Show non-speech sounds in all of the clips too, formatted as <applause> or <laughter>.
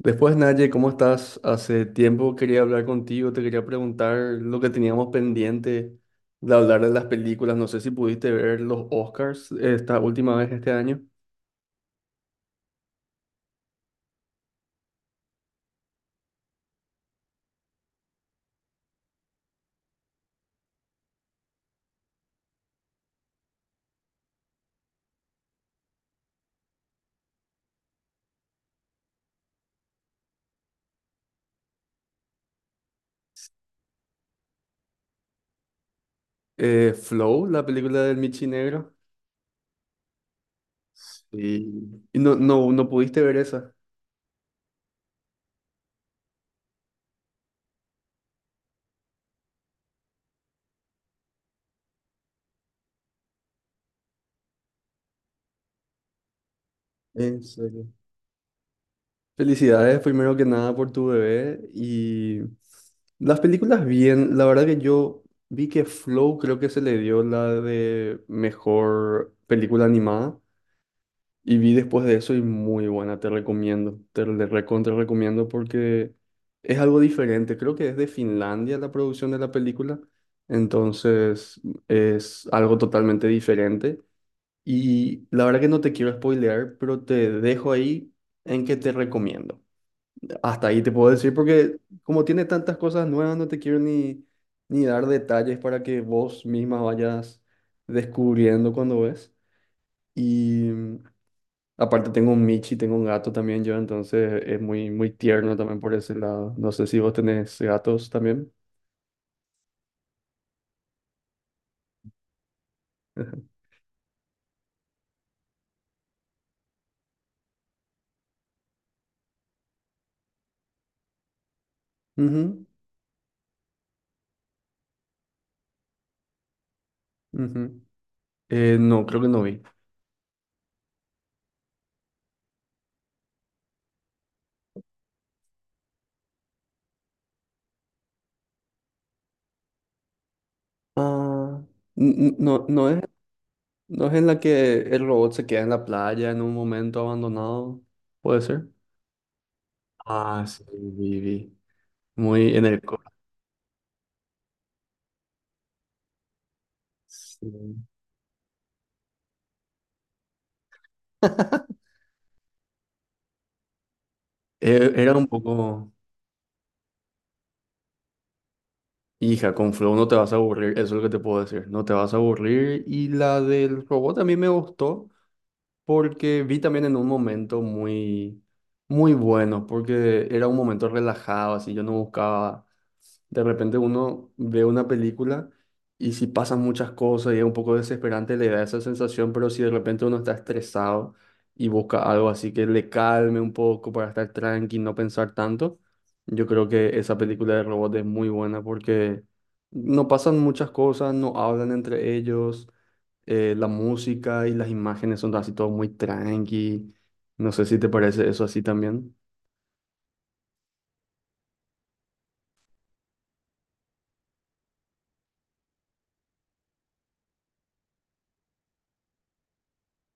Después, Naye, ¿cómo estás? Hace tiempo quería hablar contigo, te quería preguntar lo que teníamos pendiente de hablar de las películas. No sé si pudiste ver los Oscars esta última vez este año. Flow, la película del Michi Negro. Sí. Y no pudiste ver esa, en serio. Felicidades, primero que nada, por tu bebé. Y las películas bien, la verdad que yo vi que Flow creo que se le dio la de mejor película animada. Y vi después de eso y muy buena, te recomiendo, te le recontra recomiendo porque es algo diferente. Creo que es de Finlandia la producción de la película, entonces es algo totalmente diferente. Y la verdad que no te quiero spoilear, pero te dejo ahí en que te recomiendo. Hasta ahí te puedo decir porque como tiene tantas cosas nuevas, no te quiero ni dar detalles para que vos misma vayas descubriendo cuando ves. Y Aparte tengo un Michi, tengo un gato también yo, entonces es muy, muy tierno también por ese lado. No sé si vos tenés gatos también. <laughs> Ujú, ujú. No, creo que no vi. Ah, no, no es en la que el robot se queda en la playa en un momento abandonado, puede ser. Ah, sí, vi, vi. Muy en el. Sí. Era un poco, hija, con Flow no te vas a aburrir, eso es lo que te puedo decir, no te vas a aburrir. Y la del robot a mí me gustó, porque vi también en un momento muy, muy bueno, porque era un momento relajado, así yo no buscaba, de repente uno ve una película y si pasan muchas cosas y es un poco desesperante, le da esa sensación, pero si de repente uno está estresado y busca algo así que le calme un poco para estar tranqui, no pensar tanto, yo creo que esa película de robot es muy buena porque no pasan muchas cosas, no hablan entre ellos, la música y las imágenes son así todo muy tranqui. No sé si te parece eso así también.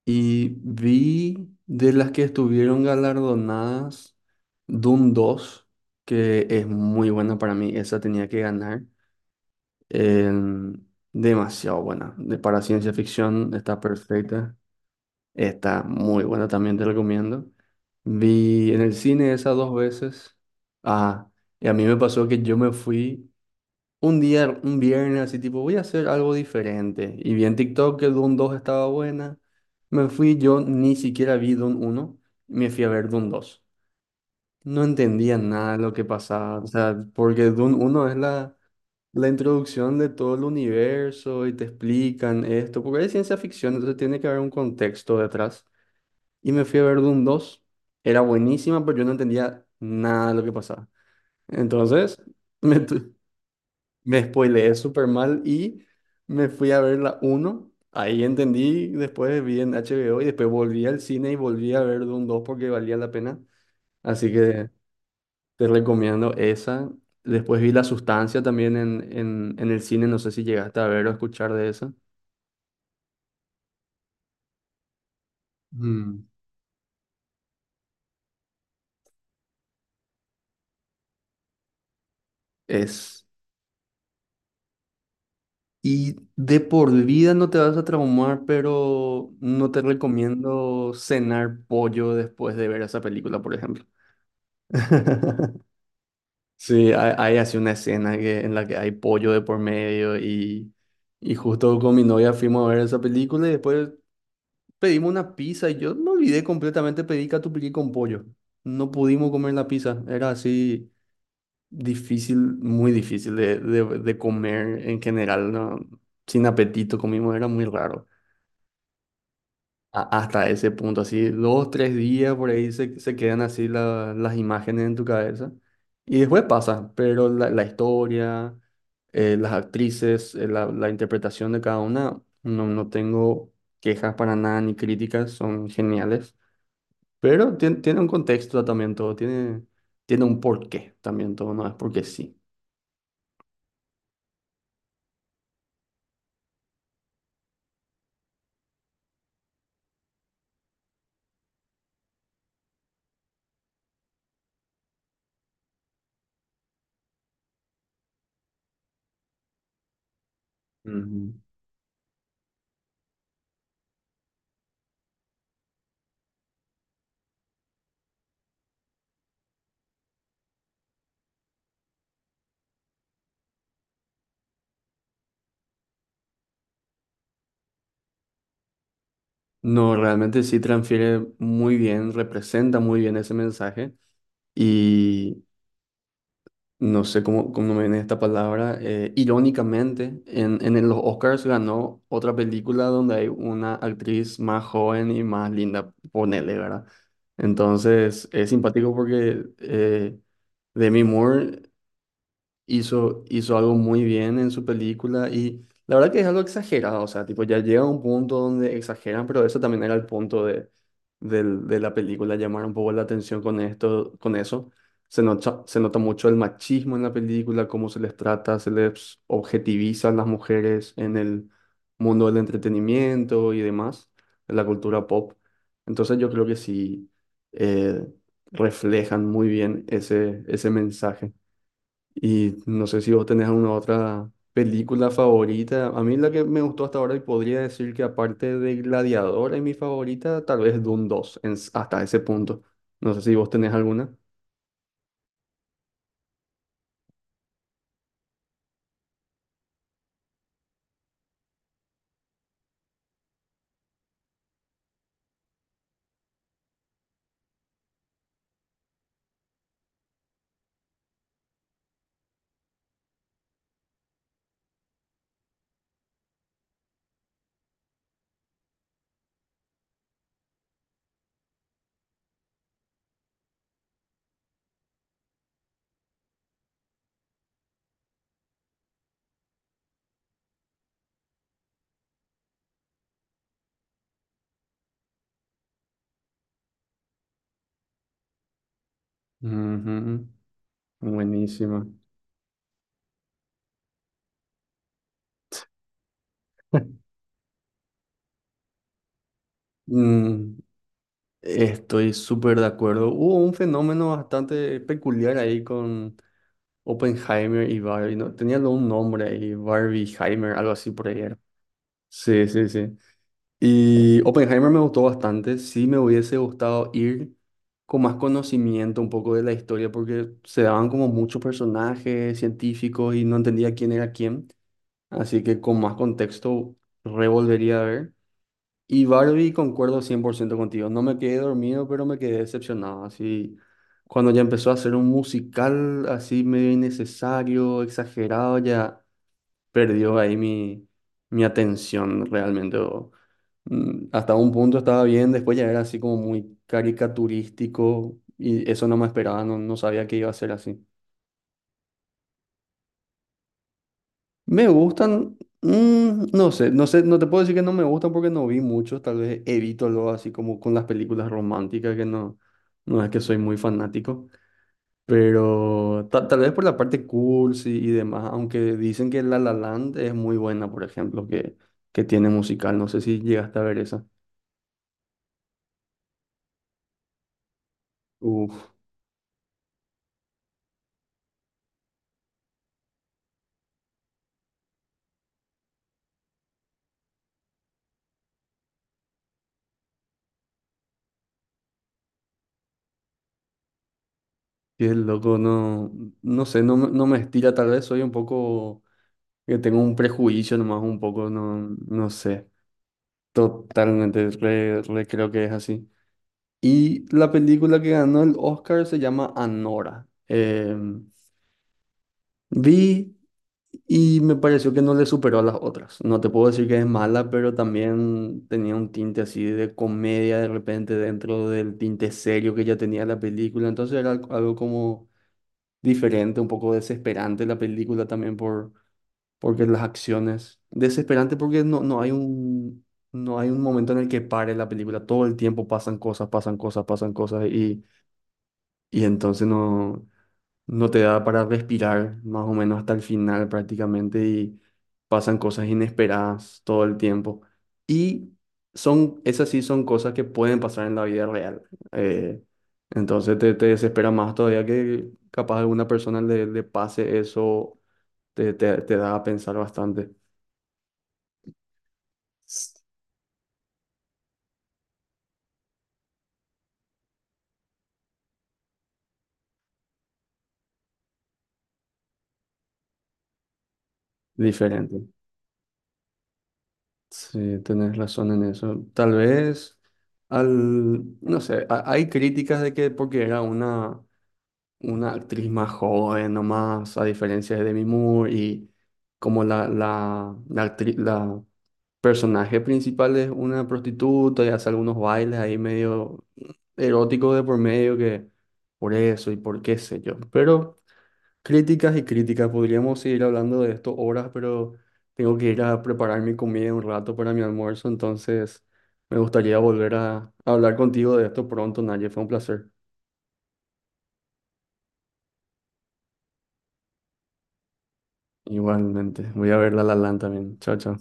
Y vi de las que estuvieron galardonadas Doom dos, que es muy buena para mí. Esa tenía que ganar. En- Demasiado buena. Para ciencia ficción está perfecta. Está muy buena también, te recomiendo. Vi en el cine esa dos veces. Ah, y a mí me pasó que yo me fui. Un día, un viernes, así tipo, voy a hacer algo diferente. Y vi en TikTok que Doom 2 estaba buena. Me fui, yo ni siquiera vi Doom 1, me fui a ver Doom 2. No entendía nada de lo que pasaba, o sea, porque Doom 1 es la introducción de todo el universo y te explican esto, porque es ciencia ficción, entonces tiene que haber un contexto detrás. Y me fui a ver Doom 2, era buenísima, pero yo no entendía nada de lo que pasaba. Entonces, <laughs> me tu- me spoileé súper mal y me fui a ver la 1. Ahí entendí, después vi en HBO y después volví al cine y volví a ver Doom dos porque valía la pena. Así que te recomiendo esa. Después vi La Sustancia también en el cine, no sé si llegaste a ver o escuchar de esa. Mm. Es. Y de por vida no te vas a traumar, pero no te recomiendo cenar pollo después de ver esa película, por ejemplo. <laughs> Sí, hay así una escena que, en la que hay pollo de por medio y justo con mi novia fuimos a ver esa película y después pedimos una pizza y yo me olvidé completamente, pedí catupiry con pollo. No pudimos comer la pizza, era así difícil, muy difícil de comer en general, ¿no? Sin apetito comimos, era muy raro hasta ese punto, así dos, tres días por ahí se quedan así las imágenes en tu cabeza y después pasa, pero la historia, las actrices, la interpretación de cada una, no tengo quejas para nada ni críticas, son geniales, pero tiene un contexto también todo, tiene, tiene un porqué también todo, no es porque sí. Ujú. No, realmente sí transfiere muy bien, representa muy bien ese mensaje. Y no sé cómo, cómo me viene esta palabra, irónicamente, en los Oscars ganó otra película donde hay una actriz más joven y más linda, ponele, ¿verdad? Entonces, es simpático porque Demi Moore hizo algo muy bien en su película y la verdad que es algo exagerado, o sea, tipo, ya llega a un punto donde exageran, pero eso también era el punto de la película, llamar un poco la atención con esto, con eso. Se nota mucho el machismo en la película, cómo se les trata, se les objetiviza a las mujeres en el mundo del entretenimiento y demás, en la cultura pop. Entonces yo creo que sí, eh, reflejan muy bien ese mensaje. Y no sé si vos tenés alguna otra película favorita. A mí la que me gustó hasta ahora y podría decir que aparte de Gladiador es mi favorita, tal vez Dune dos en hasta ese punto. No sé si vos tenés alguna. Ujú. Buenísima. <laughs> Mm, estoy súper de acuerdo. Hubo un fenómeno bastante peculiar ahí con Oppenheimer y Barbie, ¿no? Tenían un nombre ahí, Barbieheimer, algo así por ahí era. Sí, sí, sí. Y Oppenheimer me gustó bastante. Sí me hubiese gustado ir con más conocimiento un poco de la historia porque se daban como muchos personajes científicos y no entendía quién era quién. Así que con más contexto revolvería a ver. Y Barbie, concuerdo 100% contigo. No me quedé dormido, pero me quedé decepcionado. Así, cuando ya empezó a hacer un musical así medio innecesario, exagerado, ya perdió ahí mi atención realmente. Hasta un punto estaba bien, después ya era así como muy caricaturístico y eso no me esperaba, no sabía que iba a ser así. Me gustan, no sé, no sé, no te puedo decir que no me gustan porque no vi muchos, tal vez evito lo así como con las películas románticas que no, no es que soy muy fanático. Pero tal vez por la parte cursi y demás, aunque dicen que La La Land es muy buena, por ejemplo, que tiene musical. No sé si llegaste a ver esa. Uf, qué loco, no, no sé, no me estira, tal vez soy un poco, que tengo un prejuicio nomás, un poco, no, no sé, totalmente, re creo que es así. Y la película que ganó el Oscar se llama Anora. Vi. Y me pareció que no le superó a las otras. No te puedo decir que es mala, pero también tenía un tinte así de comedia de repente dentro del tinte serio que ya tenía la película. Entonces era algo, algo como diferente, un poco desesperante la película también por, porque las acciones. Desesperante porque no hay un, no hay un momento en el que pare la película. Todo el tiempo pasan cosas, pasan cosas, pasan cosas, y entonces no no te da para respirar más o menos hasta el final prácticamente y pasan cosas inesperadas todo el tiempo. Y son, esas sí son cosas que pueden pasar en la vida real. eh, entonces te desespera más todavía que capaz a alguna persona le pase eso, te da a pensar bastante diferente. Sí, tenés razón en eso. Tal vez, al, no sé, hay críticas de que porque era una actriz más joven nomás, a diferencia de Demi Moore, y como la actriz, la personaje principal es una prostituta y hace algunos bailes ahí medio eróticos de por medio que por eso y por qué sé yo. Pero críticas y críticas, podríamos seguir hablando de esto horas, pero tengo que ir a preparar mi comida un rato para mi almuerzo, entonces me gustaría volver a hablar contigo de esto pronto, Naye, fue un placer. Igualmente. Voy a ver La La Land también. Chao, chao.